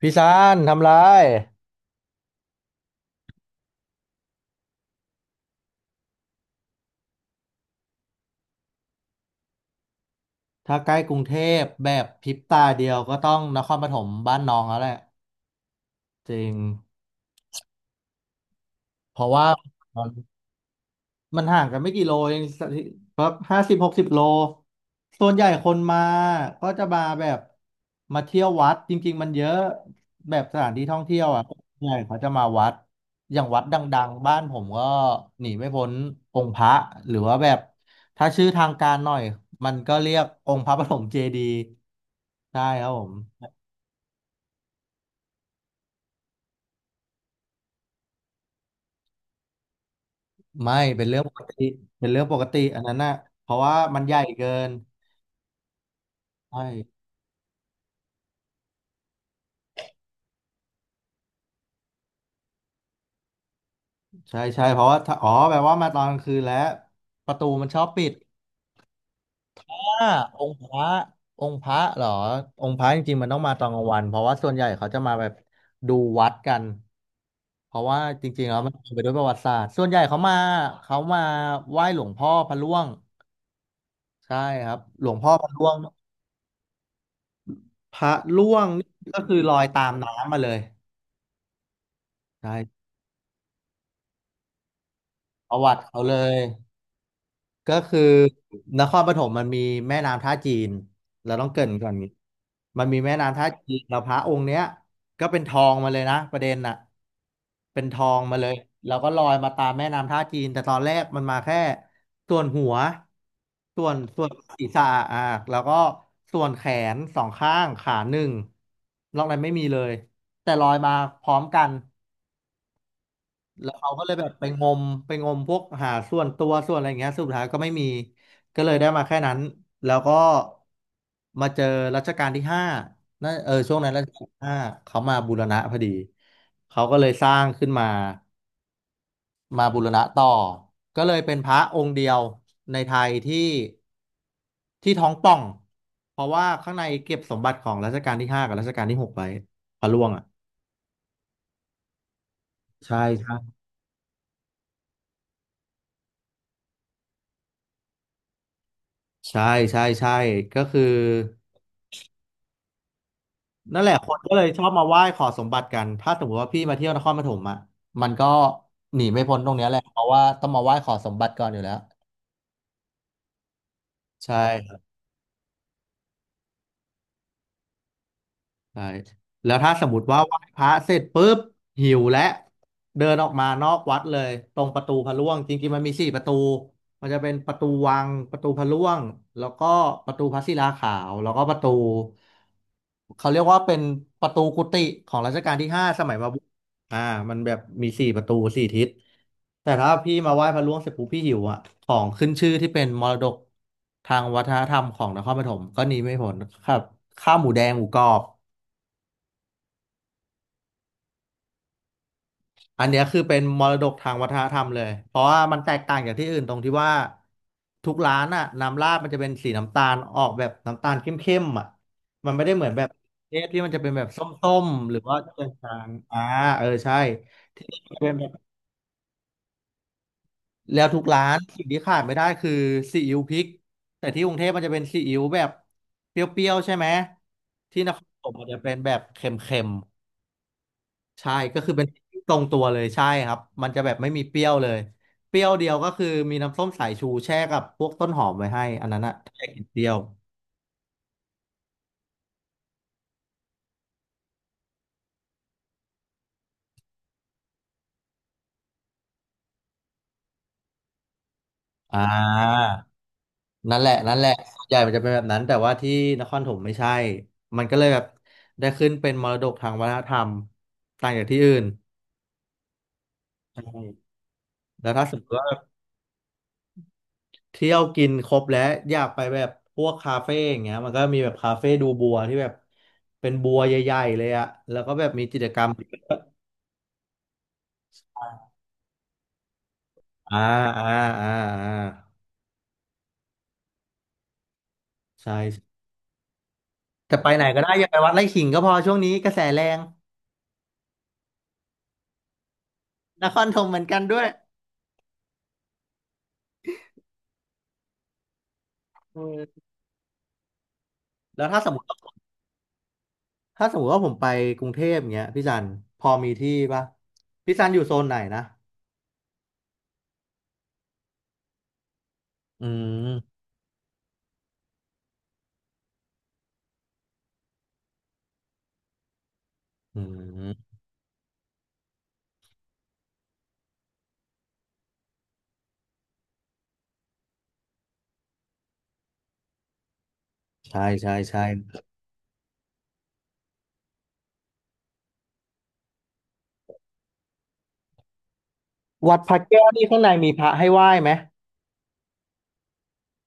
พี่ซานทำไร ถ้าใกล้กรุงเทพแบบพริบตาเดียวก็ต้องนครปฐมบ้านน้องแล้วแหละจริงเพราะว่า มันห่างกันไม่กี่โลเองแบบ5060โลส่วนใหญ่คนมาก็จะมาแบบมาเที่ยววัดจริงๆมันเยอะแบบสถานที่ท่องเที่ยวอ่ะส่วนใหญ่เขาจะมาวัดอย่างวัดดังๆบ้านผมก็หนีไม่พ้นองค์พระหรือว่าแบบถ้าชื่อทางการหน่อยมันก็เรียกองค์พระปฐมเจดีย์ใช่ครับผมไม่เป็นเรื่องปกติเป็นเรื่องปกติอันนั้นน่ะเพราะว่ามันใหญ่เกินใช่ ใช่ใช่เพราะว่าถ้าอ๋อแปลว่ามาตอนกลางคืนแล้วประตูมันชอบปิดอ่าองค์พระองค์พระเหรอองค์พระจริงๆมันต้องมาตอนกลางวันเพราะว่าส่วนใหญ่เขาจะมาแบบดูวัดกันเพราะว่าจริงๆแล้วมันเต็มไปด้วยประวัติศาสตร์ส่วนใหญ่เขามาไหว้หลวงพ่อพระร่วงใช่ครับหลวงพ่อพระร่วงพระร่วงนี่ก็คือลอยตามน้ำมาเลยใช่ประวัติเขาเลย ก็คือนครปฐมมันมีแม่น้ำท่าจีนเราต้องเกริ่นก่อนนี้มันมีแม่น้ำท่าจีนแล้วพระองค์เนี้ยก็เป็นทองมาเลยนะประเด็นน่ะเป็นทองมาเลยเราก็ลอยมาตามแม่น้ำท่าจีนแต่ตอนแรกมันมาแค่ส่วนหัวส่วนศีรษะอ่ะแล้วก็ส่วนแขนสองข้างขาหนึ่งนอกนั้นไม่มีเลยแต่ลอยมาพร้อมกัน แล้วเขาก็เลยแบบไปงมพวกหาส่วนตัวส่วนอะไรอย่างเงี้ยสุดท้ายก็ไม่มีก็เลยได้มาแค่นั้นแล้วก็มาเจอรัชกาลที่ห้านั่นเออช่วงนั้นรัชกาลที่ห้าเขามาบูรณะพอดีเขาก็เลยสร้างขึ้นมามาบูรณะต่อก็เลยเป็นพระองค์เดียวในไทยที่ท้องป่องเพราะว่าข้างในเก็บสมบัติของรัชกาลที่ห้ากับรัชกาลที่หกไว้พระร่วงอ่ะใช่ใช่ใช่ใช่ใช่ก็คือ นั่นแหละคนก็เลยชอบมาไหว้ขอสมบัติกันถ้าสมมติว่าพี่มาเที่ยวนครปฐมอ่ะมันก็หนีไม่พ้นตรงเนี้ยแหละเพราะว่าต้องมาไหว้ขอสมบัติก่อนอยู่แล้วใช่ ใช่แล้วถ้าสมมติว่าไหว้พระเสร็จปุ๊บหิวและเดินออกมานอกวัดเลยตรงประตูพระร่วงจริงๆมันมีสี่ประตูมันจะเป็นประตูวังประตูพระร่วงแล้วก็ประตูพระศิลาขาวแล้วก็ประตูเขาเรียกว่าเป็นประตูกุฏิของรัชกาลที่ห้าสมัยมาบุกอ่ามันแบบมีสี่ประตูสี่ทิศแต่ถ้าพี่มาไหว้พระร่วงเสร็จปุ๊บพี่หิวอ่ะของขึ้นชื่อที่เป็นมรดกทางวัฒนธรรมของนครปฐมก็หนีไม่พ้นครับข้าวหมูแดงหมูกรอบ อันเนี้ยคือเป็นมรดกทางวัฒนธรรมเลยเพราะว่ามันแตกต่างจากที่อื่นตรงที่ว่าทุกร้านอะน้ำราดมันจะเป็นสีน้ำตาลออกแบบน้ำตาลเข้มๆอะมันไม่ได้เหมือนแบบเทศที่มันจะเป็นแบบส้มๆหรือว่าจะเป็นจางอ่าเออใช่เป็นแบบแล้วทุกร้านสิ่งที่ขาดไม่ได้คือซีอิ๊วพริกแต่ที่กรุงเทพมันจะเป็นซีอิ๊วแบบเปรี้ยวๆใช่ไหมที่นครปฐมมันจะเป็นแบบเค็ม ใช่ก็คือเป็น ที่ตรงตัวเลยใช่ครับมันจะแบบไม่มีเปรี้ยวเลยเปรี้ยวเดียวก็คือมีน้ำส้มสายชูแช่กับพวกต้นหอมไว้ให้อันนั้นอะถ้าอยากกินเปรี้ยวอ่านั่นแหละส่วนใหญ่มันจะเป็นแบบนั้นแต่ว่าที่นครปฐมไม่ใช่มันก็เลยแบบได้ขึ้นเป็นมรดกทางวัฒนธรรมต่างจากที่อื่นใช่แล้วถ้าสมมติว่าเที่ยวกินครบแล้วอยากไปแบบพวกคาเฟ่อย่างเงี้ยมันก็มีแบบคาเฟ่ดูบัวที่แบบเป็นบัวใหญ่ๆเลยอะแล้วก็แบบมีกิจกรรม อ่าอ่าอ่าอ่าใช่ใช่แต่ไปไหนก็ได้อย่าไปวัดไร่ขิงก็พอช่วงนี้กระแสแรงนครธมเหมือนกันด้วยเออแล้วถ้าสมมติว่าผมไปกรุงเทพเงี้ยพี่จันพอมีที่ปะพี่จันอยู่โซนไหนนะอืมอืมใช่ใช่ใช่วัดพระแก้วนี่ข้างในมีพระให้ไหว้ไหม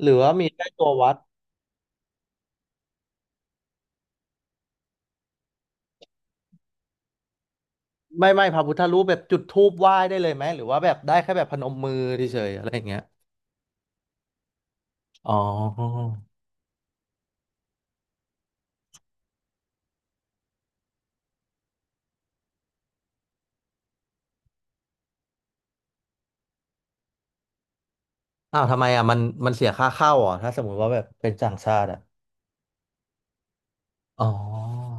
หรือว่ามีแค่ตัววัดไม่ไม่พระพุทธรูปแบบจุดธูปไหว้ได้เลยไหมหรือว่าแบบได้แค่แบบพนมมือเฉยๆอะไรอย่างเงี้ยอ๋อ อ้าวทำไมอ่ะมันเสียค่าเข้าเหรอ่ะถ้าสมมติว่าแบบเป็นต่างชาติอ่ะอ๋อ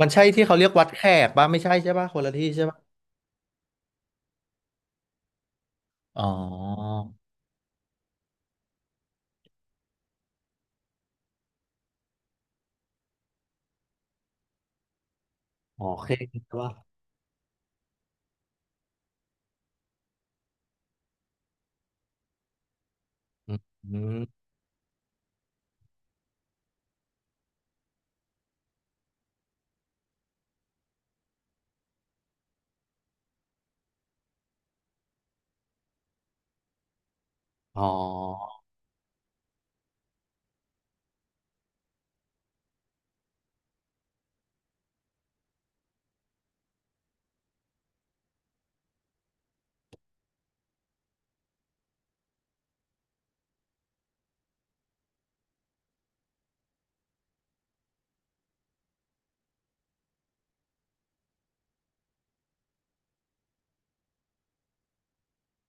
มันใช่ที่เขาเรียกวัดแขกป่ะไม่ใช่ใช่ป่ะคนละที่ใช่ป่ะอ๋ออ๋อโอเคใช่ป่ะอืมอ๋อ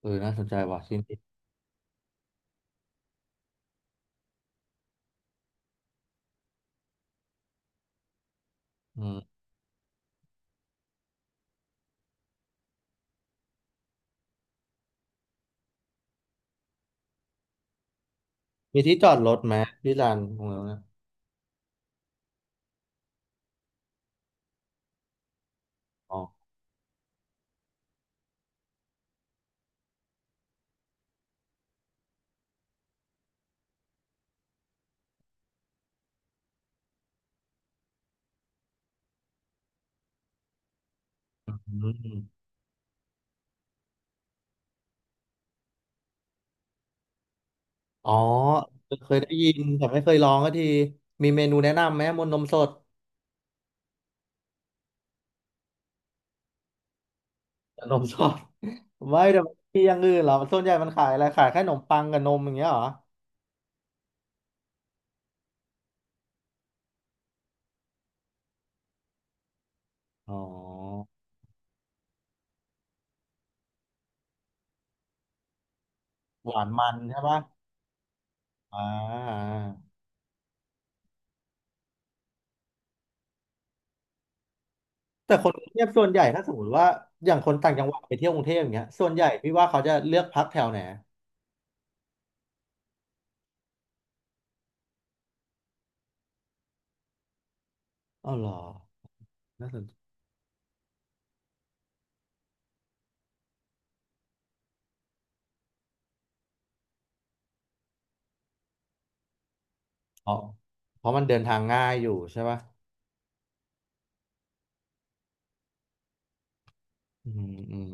เออน่าสนใจว่ะที่นี่อืมมีที่จอดรถไหมที่ลานขรงนั้นะอ๋ออืมอ๋อเคยได้ยินแต่ไม่เคยลองก็ทีมีเมนูแนะนำไหมมนนมสดนมสดไม่แต่ที่อย่างอื่นเหรอส่วนใหญ่มันขายอะไรขายแค่ขนมปังกับนมอย่างเงี้ยเหรออ๋อ หวานมันใช่ปะอ่าแต่คนกรุงเทพส่วนใหญ่ถ้าสมมติว่าอย่างคนต่างจังหวัดไปเที่ยวกรุงเทพอย่างเงี้ยส่วนใหญ่พี่ว่าเขาจะเลือกพักแถวไหนอ๋อเหรอ น่าสนใจอ๋อเพราะมันเดินทางง่ายอยู่ใช่ปะอืมอืม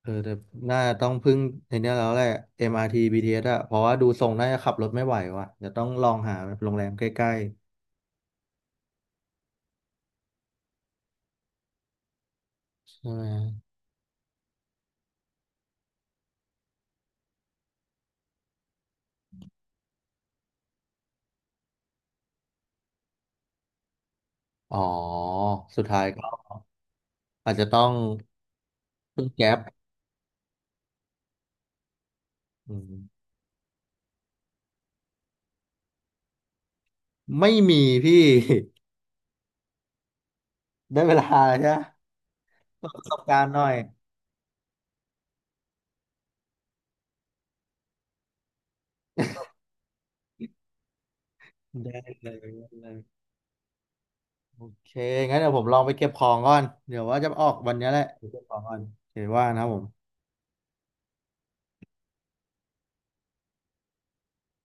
เออแต่น่าต้องพึ่งในเนี้ยแล้วแหละ MRT BTS อาร์ทีบีทีเอสอะเพราะว่าดูทรงน่าจะขับรถไม่ไหวว่ะจะต้องลองหาโรงแรมใกล้ๆใช่ไหมอ๋อสุดท้ายก็อาจจะต้องพึ่งแก๊ปอืมไม่มีพี่ ได้เวลาแล้วใช่ไหม เปิดประสบการณ์หน่อยได้เลยได้เลยโอเคงั้นเดี๋ยวผมลองไปเก็บของก่อนเดี๋ยวว่าจะออกวันนี้แหละเดี๋ยวเก็บของก่อนโอเคว่านะครับผม